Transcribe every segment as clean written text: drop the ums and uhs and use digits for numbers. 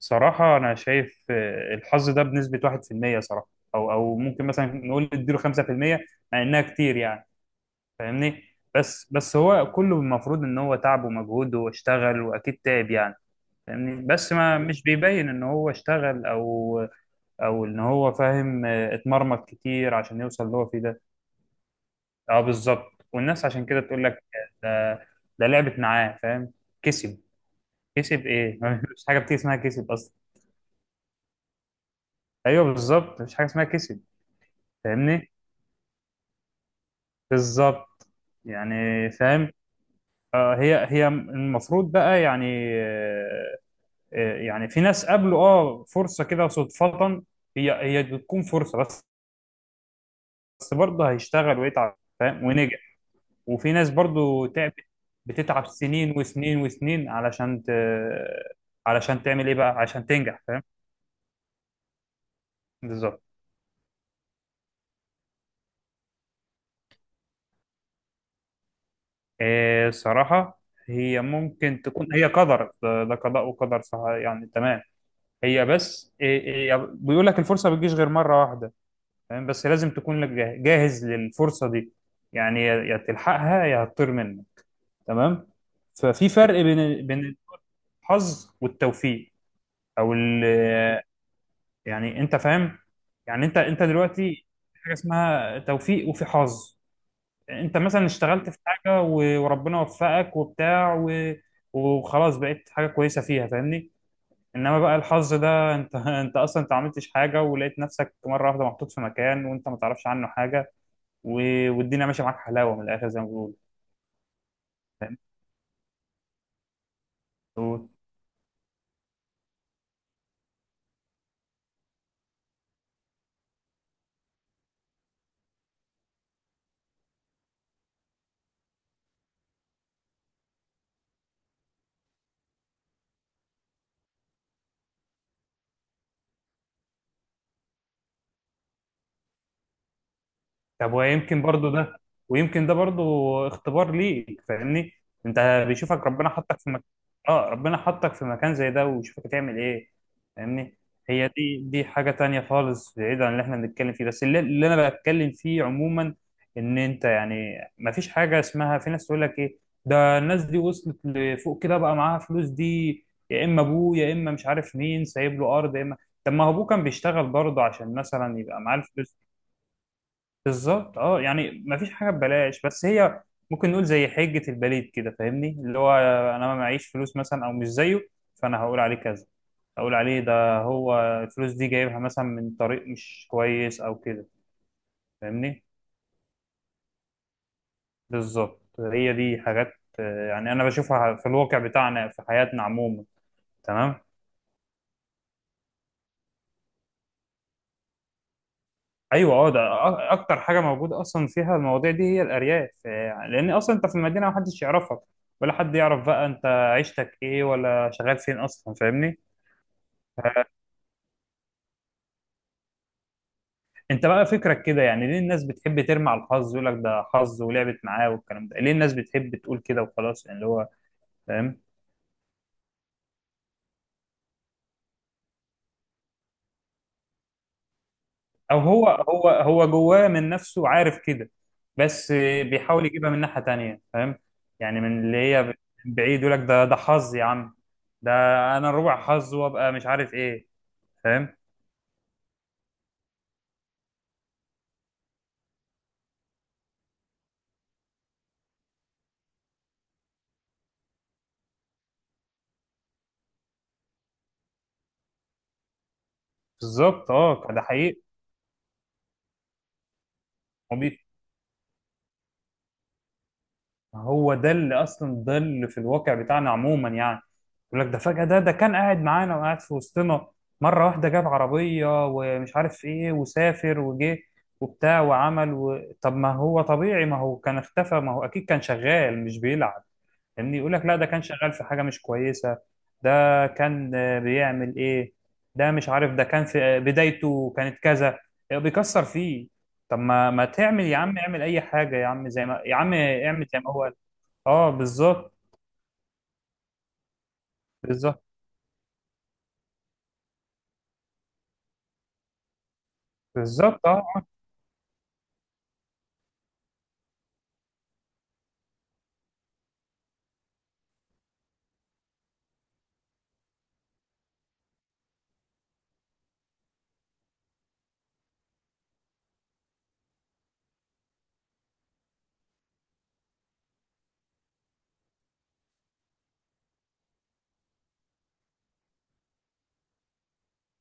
صراحة أنا شايف، الحظ ده بنسبة 1% صراحة. أو ممكن مثلا نقول اديله 5%، مع إنها كتير يعني. فاهمني؟ بس هو كله المفروض إن هو تعب ومجهود واشتغل وأكيد تعب يعني. فاهمني؟ بس ما مش بيبين إن هو اشتغل أو إن هو فاهم، اتمرمط كتير عشان يوصل اللي هو فيه ده. أه، بالظبط، والناس عشان كده تقول لك، آه، ده لعبت معاه، فاهم؟ كسب. كسب إيه؟ مفيش حاجة بتيجي اسمها كسب أصلا. ايوه، بالظبط، مفيش حاجه اسمها كسب. فاهمني. بالظبط. يعني فاهم. هي المفروض بقى يعني. آه، يعني في ناس قابلوا فرصة كده صدفة. هي بتكون فرصة بس. بس برضه هيشتغل ويتعب، فاهم، ونجح. وفي ناس برضه تعبت، بتتعب سنين وسنين وسنين علشان علشان تعمل ايه بقى عشان تنجح، فاهم. بالظبط. صراحة، هي ممكن تكون هي قدر، ده قضاء وقدر، صح يعني، تمام. هي بس إيه بيقول لك الفرصة بتجيش غير مرة واحدة. تمام، بس لازم تكون لك جاهز للفرصة دي. يعني يا تلحقها يا هتطير منك، تمام. ففي فرق بين بين الحظ والتوفيق، او ال يعني انت فاهم. يعني انت دلوقتي، في حاجة اسمها توفيق وفي حظ. انت مثلا اشتغلت في حاجة وربنا وفقك وبتاع وخلاص بقيت حاجة كويسة فيها، فاهمني. انما بقى الحظ ده انت انت اصلا ما عملتش حاجه، ولقيت نفسك مره واحده محطوط في مكان وانت ما تعرفش عنه حاجه و... والدنيا ماشيه معاك حلاوه من الاخر زي ما بيقولوا، فاهم؟ طب، ويمكن ده برضو اختبار ليك، فاهمني. انت بيشوفك ربنا حطك في مكان، اه ربنا حطك في مكان زي ده ويشوفك هتعمل ايه، فاهمني. هي دي حاجة تانية خالص بعيد عن اللي احنا بنتكلم فيه، بس اللي انا بتكلم فيه عموما ان انت، يعني، ما فيش حاجة اسمها في ناس تقول لك ايه، ده الناس دي وصلت لفوق كده بقى معاها فلوس دي، يا اما ابوه، يا اما مش عارف مين سايب له ارض، يا اما. طب ما هو ابوه كان بيشتغل برضه عشان مثلا يبقى معاه الفلوس. بالظبط، اه، يعني مفيش حاجه ببلاش، بس هي ممكن نقول زي حجه البليد كده، فاهمني، اللي هو انا ما معيش فلوس مثلا او مش زيه، فانا هقول عليه كذا، هقول عليه ده هو الفلوس دي جايبها مثلا من طريق مش كويس او كده. فاهمني. بالظبط، هي دي حاجات. يعني انا بشوفها في الواقع بتاعنا في حياتنا عموما، تمام. ايوه، اه، ده اكتر حاجه موجوده اصلا فيها المواضيع دي هي الارياف. يعني لان اصلا انت في المدينه محدش يعرفك، ولا حد يعرف بقى انت عيشتك ايه ولا شغال فين اصلا، فاهمني. آه، انت بقى فكرك كده، يعني ليه الناس بتحب ترمي على الحظ، يقول لك ده حظ ولعبت معاه والكلام ده، ليه الناس بتحب تقول كده وخلاص، يعني اللي هو فاهم. او هو جواه من نفسه عارف كده، بس بيحاول يجيبها من ناحية تانية، فاهم. يعني من اللي هي من بعيد يقول لك ده حظ يا عم، ده انا ربع حظ وابقى مش عارف ايه، فاهم. بالظبط، اه، ده حقيقي. هو ده اللي اصلا، ده اللي في الواقع بتاعنا عموما يعني، يقول لك ده فجأة ده كان قاعد معانا وقاعد في وسطنا، مرة واحدة جاب عربية ومش عارف ايه وسافر وجه وبتاع وعمل طب ما هو طبيعي، ما هو كان اختفى، ما هو اكيد كان شغال مش بيلعب، فاهمني. يقول لك لا، ده كان شغال في حاجة مش كويسة، ده كان بيعمل ايه، ده مش عارف، ده كان في بدايته كانت كذا، بيكسر فيه. طب ما تعمل يا عم، اعمل اي حاجة يا عم، زي ما، يا عم اعمل زي ما هو. اه، بالظبط. بالظبط، بالظبط، اه،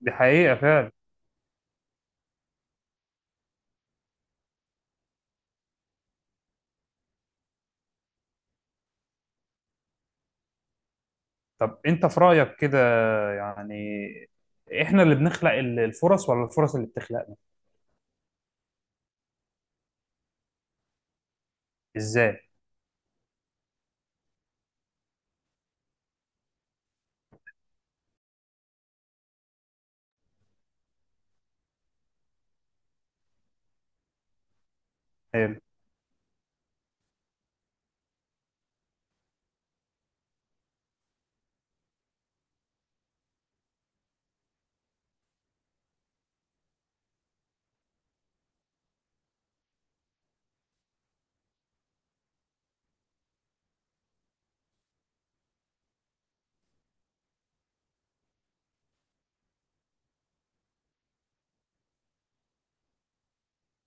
دي حقيقة فعلا. طب انت في رأيك كده، يعني احنا اللي بنخلق الفرص ولا الفرص اللي بتخلقنا؟ ازاي؟ حلو.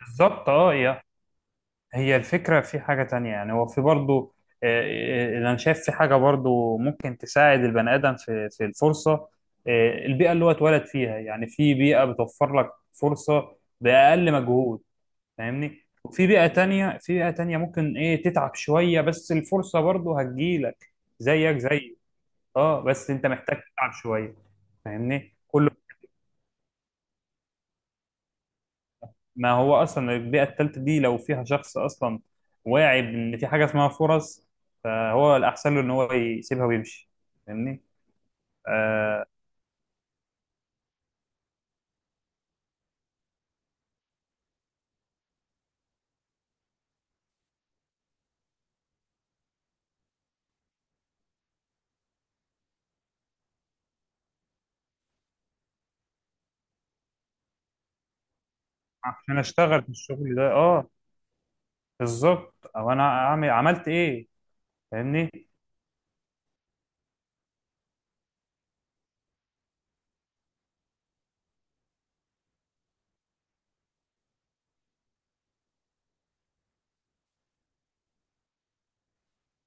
بالظبط، اه، هي الفكرة في حاجة تانية، يعني هو في برضو، آه، انا شايف في حاجة برضو ممكن تساعد البني آدم في الفرصة. البيئة اللي هو اتولد فيها، يعني في بيئة بتوفر لك فرصة بأقل مجهود، فاهمني. وفي بيئة تانية في بيئة تانية ممكن ايه تتعب شوية بس الفرصة برضو هتجيلك، زيك زي اه بس انت محتاج تتعب شوية، فاهمني. ما هو اصلا البيئة التالتة دي لو فيها شخص اصلا واعي بان في حاجة اسمها فرص، فهو الاحسن له ان هو يسيبها ويمشي، فاهمني. آه عشان اشتغل في الشغل ده، اه، بالظبط. او انا عملت ايه، فاهمني.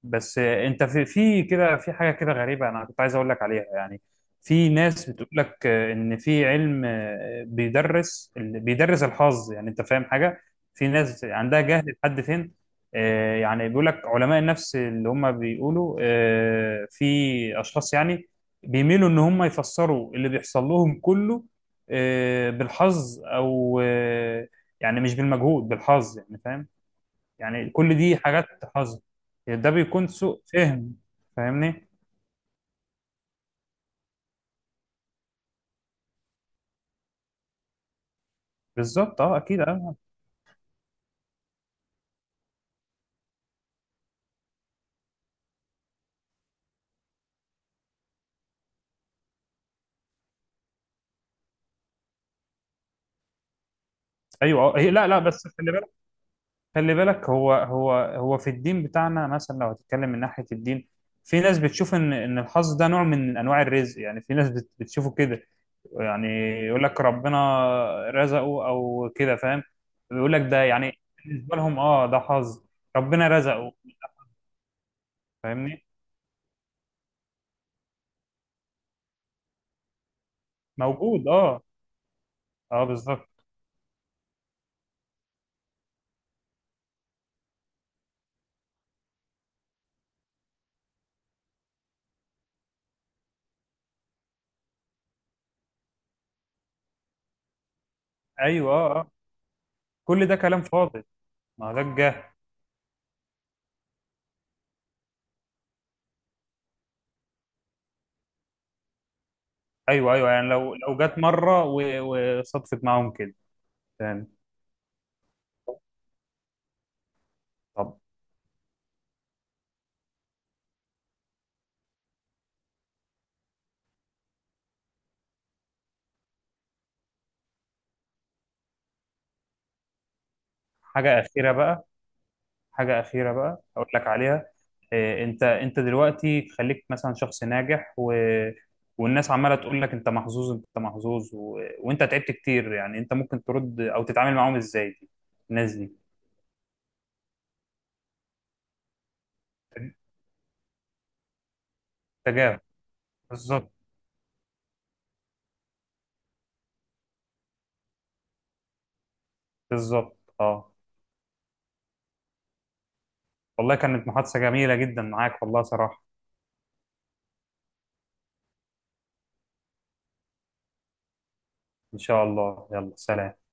بس انت في، في كده، في حاجه كده غريبه انا كنت عايز اقول لك عليها يعني. في ناس بتقول لك ان في علم بيدرس بيدرس الحظ، يعني انت فاهم حاجه، في ناس عندها جهل لحد فين. يعني بيقول لك علماء النفس اللي هم بيقولوا في اشخاص يعني بيميلوا ان هم يفسروا اللي بيحصل لهم كله بالحظ او يعني مش بالمجهود بالحظ، يعني فاهم. يعني كل دي حاجات حظ، يعني ده بيكون سوء فهم، فاهمني. بالظبط، اه، اكيد، اه. ايوه، اه، لا، لا، بس خلي بالك، خلي بالك هو في الدين بتاعنا مثلا، لو هتتكلم من ناحيه الدين، في ناس بتشوف ان الحظ ده نوع من انواع الرزق، يعني في ناس بتشوفه كده يعني. يقول لك ربنا رزقه او كده، فاهم. بيقول لك ده يعني، بالنسبه لهم، اه، ده حظ، ربنا رزقه. فاهمني. موجود، اه، اه، بالظبط. ايوه، اه، اه، كل ده كلام فاضي، ما ده الجهل. ايوه، ايوه، يعني لو جت مره وصدفت معاهم كده، تمام. طب، حاجه اخيره بقى حاجه اخيره بقى اقول لك عليها. إيه، انت دلوقتي خليك مثلا شخص ناجح والناس عماله تقول لك انت محظوظ انت محظوظ وانت تعبت كتير، يعني انت ممكن ترد او تتعامل معاهم ازاي، دي الناس دي؟ تجاهل. بالظبط، بالظبط، اه. والله كانت محادثه جميله جدا معاك، والله صراحه. ان شاء الله، يلا، سلام.